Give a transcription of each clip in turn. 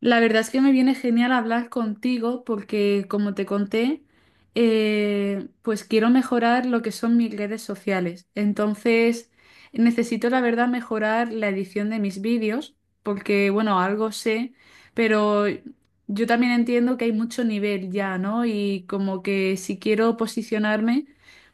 La verdad es que me viene genial hablar contigo porque, como te conté, pues quiero mejorar lo que son mis redes sociales. Entonces, necesito, la verdad, mejorar la edición de mis vídeos porque, bueno, algo sé, pero yo también entiendo que hay mucho nivel ya, ¿no? Y como que si quiero posicionarme,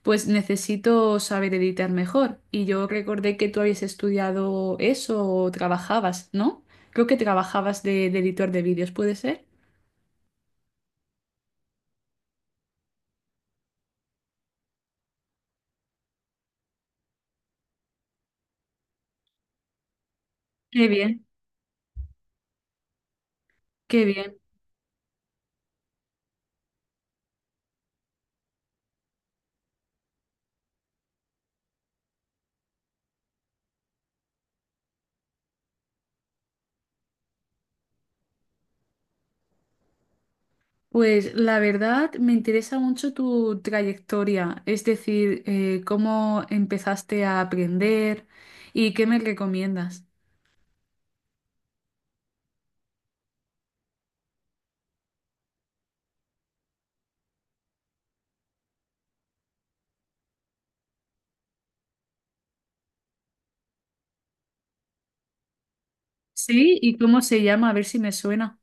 pues necesito saber editar mejor. Y yo recordé que tú habías estudiado eso o trabajabas, ¿no? Creo que trabajabas de editor de vídeos, ¿puede ser? Qué bien, qué bien. Pues la verdad me interesa mucho tu trayectoria, es decir, cómo empezaste a aprender y qué me recomiendas. Sí, ¿y cómo se llama? A ver si me suena.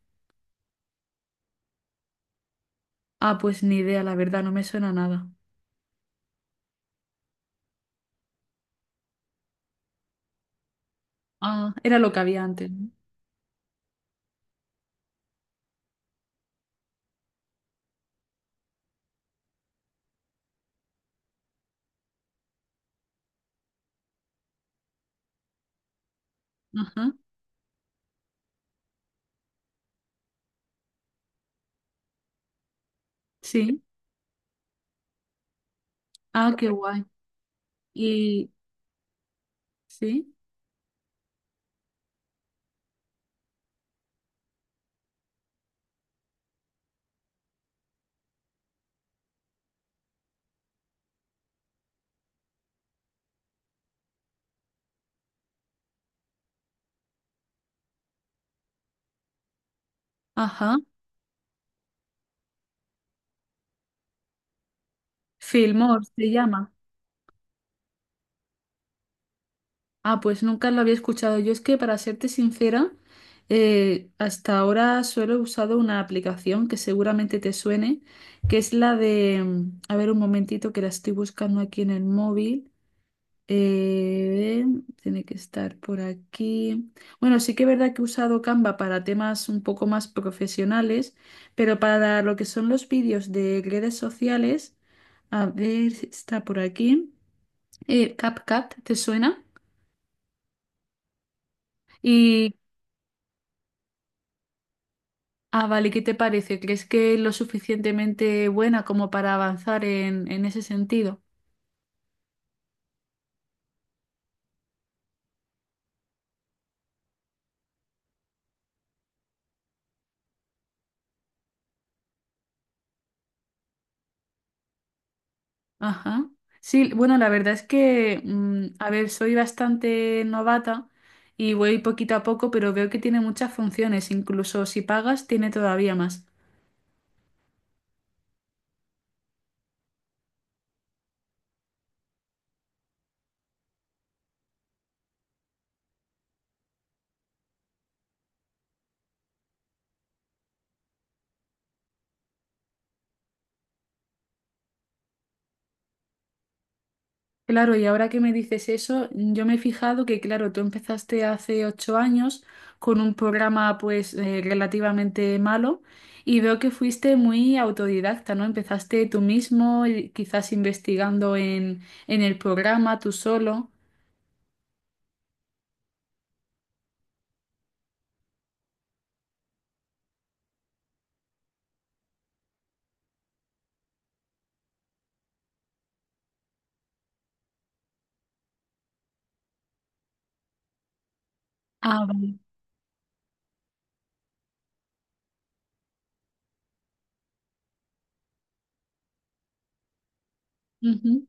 Ah, pues ni idea, la verdad, no me suena nada. Ah, era lo que había antes, ¿no? Ajá, sí. Ah, qué guay. Y sí, ajá. Filmor se llama. Ah, pues nunca lo había escuchado. Yo es que, para serte sincera, hasta ahora solo he usado una aplicación que seguramente te suene, que es la de... A ver, un momentito que la estoy buscando aquí en el móvil. Eh, Tiene que estar por aquí. Bueno, sí que es verdad que he usado Canva para temas un poco más profesionales, pero para lo que son los vídeos de redes sociales, a ver si está por aquí. CapCut, ¿te suena? Y ah, vale, ¿qué te parece? ¿Crees que es lo suficientemente buena como para avanzar en ese sentido? Ajá. Sí, bueno, la verdad es que, a ver, soy bastante novata y voy poquito a poco, pero veo que tiene muchas funciones, incluso si pagas, tiene todavía más. Claro, y ahora que me dices eso, yo me he fijado que, claro, tú empezaste hace 8 años con un programa pues relativamente malo y veo que fuiste muy autodidacta, ¿no? Empezaste tú mismo, y quizás investigando en el programa tú solo. Ah, vale. Ujú.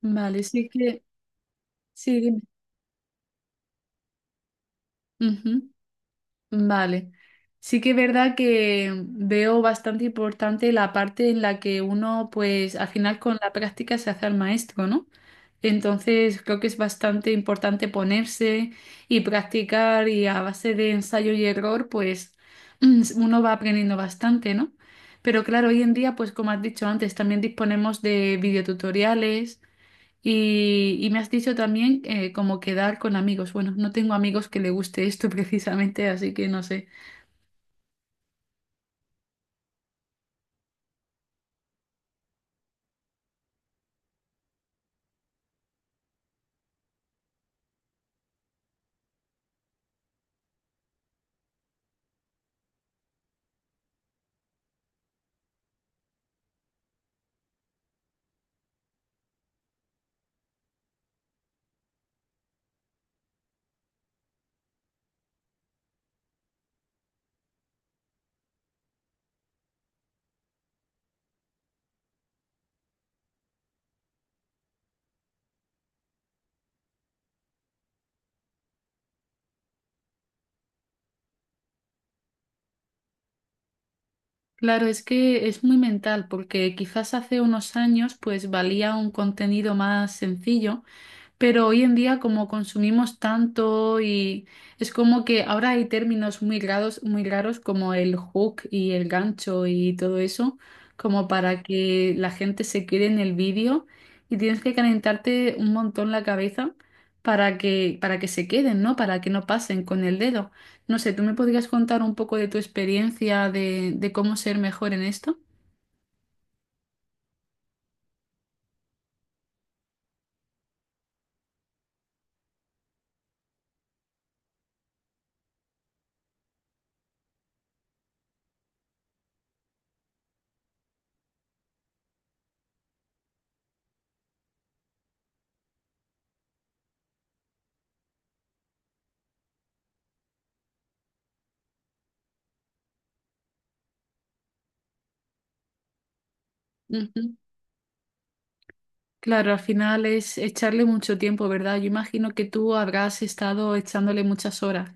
Vale, sí que, sí, dime. Ujú. Vale. Sí que es verdad que veo bastante importante la parte en la que uno, pues al final con la práctica se hace al maestro, ¿no? Entonces creo que es bastante importante ponerse y practicar y a base de ensayo y error, pues uno va aprendiendo bastante, ¿no? Pero claro, hoy en día, pues como has dicho antes, también disponemos de videotutoriales y me has dicho también como quedar con amigos. Bueno, no tengo amigos que le guste esto precisamente, así que no sé. Claro, es que es muy mental, porque quizás hace unos años pues valía un contenido más sencillo. Pero hoy en día, como consumimos tanto y es como que ahora hay términos muy raros como el hook y el gancho y todo eso, como para que la gente se quede en el vídeo y tienes que calentarte un montón la cabeza para que se queden, ¿no? Para que no pasen con el dedo. No sé, ¿tú me podrías contar un poco de tu experiencia de cómo ser mejor en esto? Claro, al final es echarle mucho tiempo, ¿verdad? Yo imagino que tú habrás estado echándole muchas horas.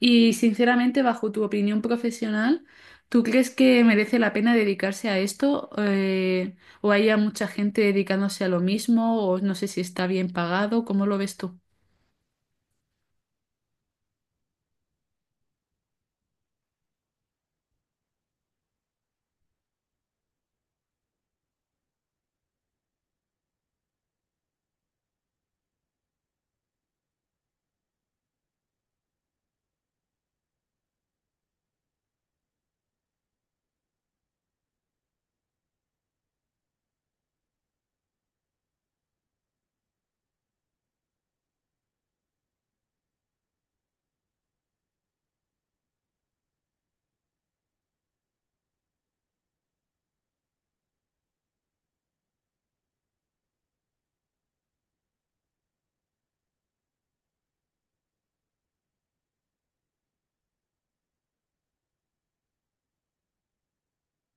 Y sinceramente, bajo tu opinión profesional, ¿tú crees que merece la pena dedicarse a esto? ¿O haya mucha gente dedicándose a lo mismo? ¿O no sé si está bien pagado? ¿Cómo lo ves tú?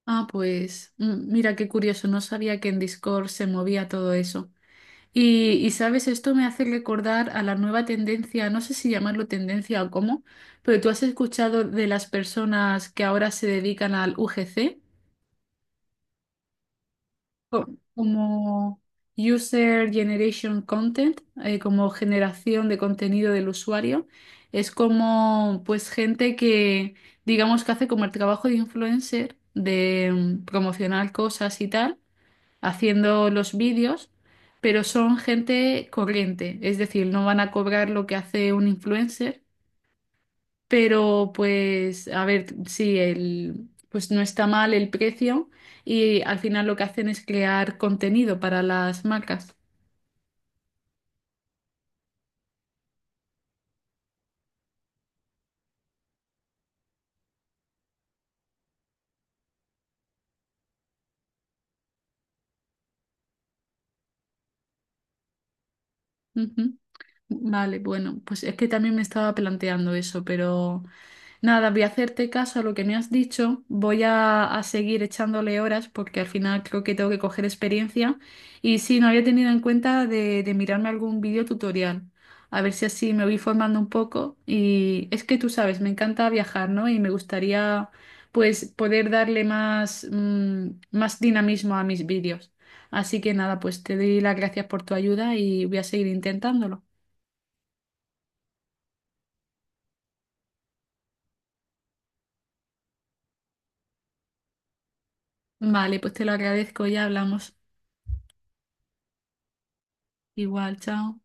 Ah, pues mira qué curioso, no sabía que en Discord se movía todo eso. Y, sabes, esto me hace recordar a la nueva tendencia, no sé si llamarlo tendencia o cómo, pero tú has escuchado de las personas que ahora se dedican al UGC. Co- Como User Generation Content, como generación de contenido del usuario. Es como pues gente que digamos que hace como el trabajo de influencer, de promocionar cosas y tal haciendo los vídeos, pero son gente corriente, es decir, no van a cobrar lo que hace un influencer, pero pues a ver, sí, el, pues no está mal el precio y al final lo que hacen es crear contenido para las marcas. Ujú. Vale, bueno, pues es que también me estaba planteando eso, pero nada, voy a hacerte caso a lo que me has dicho, voy a seguir echándole horas porque al final creo que tengo que coger experiencia y sí, no había tenido en cuenta de mirarme algún vídeo tutorial, a ver si así me voy formando un poco y es que tú sabes, me encanta viajar, ¿no? Y me gustaría pues poder darle más, más dinamismo a mis vídeos. Así que nada, pues te doy las gracias por tu ayuda y voy a seguir intentándolo. Vale, pues te lo agradezco, ya hablamos. Igual, chao.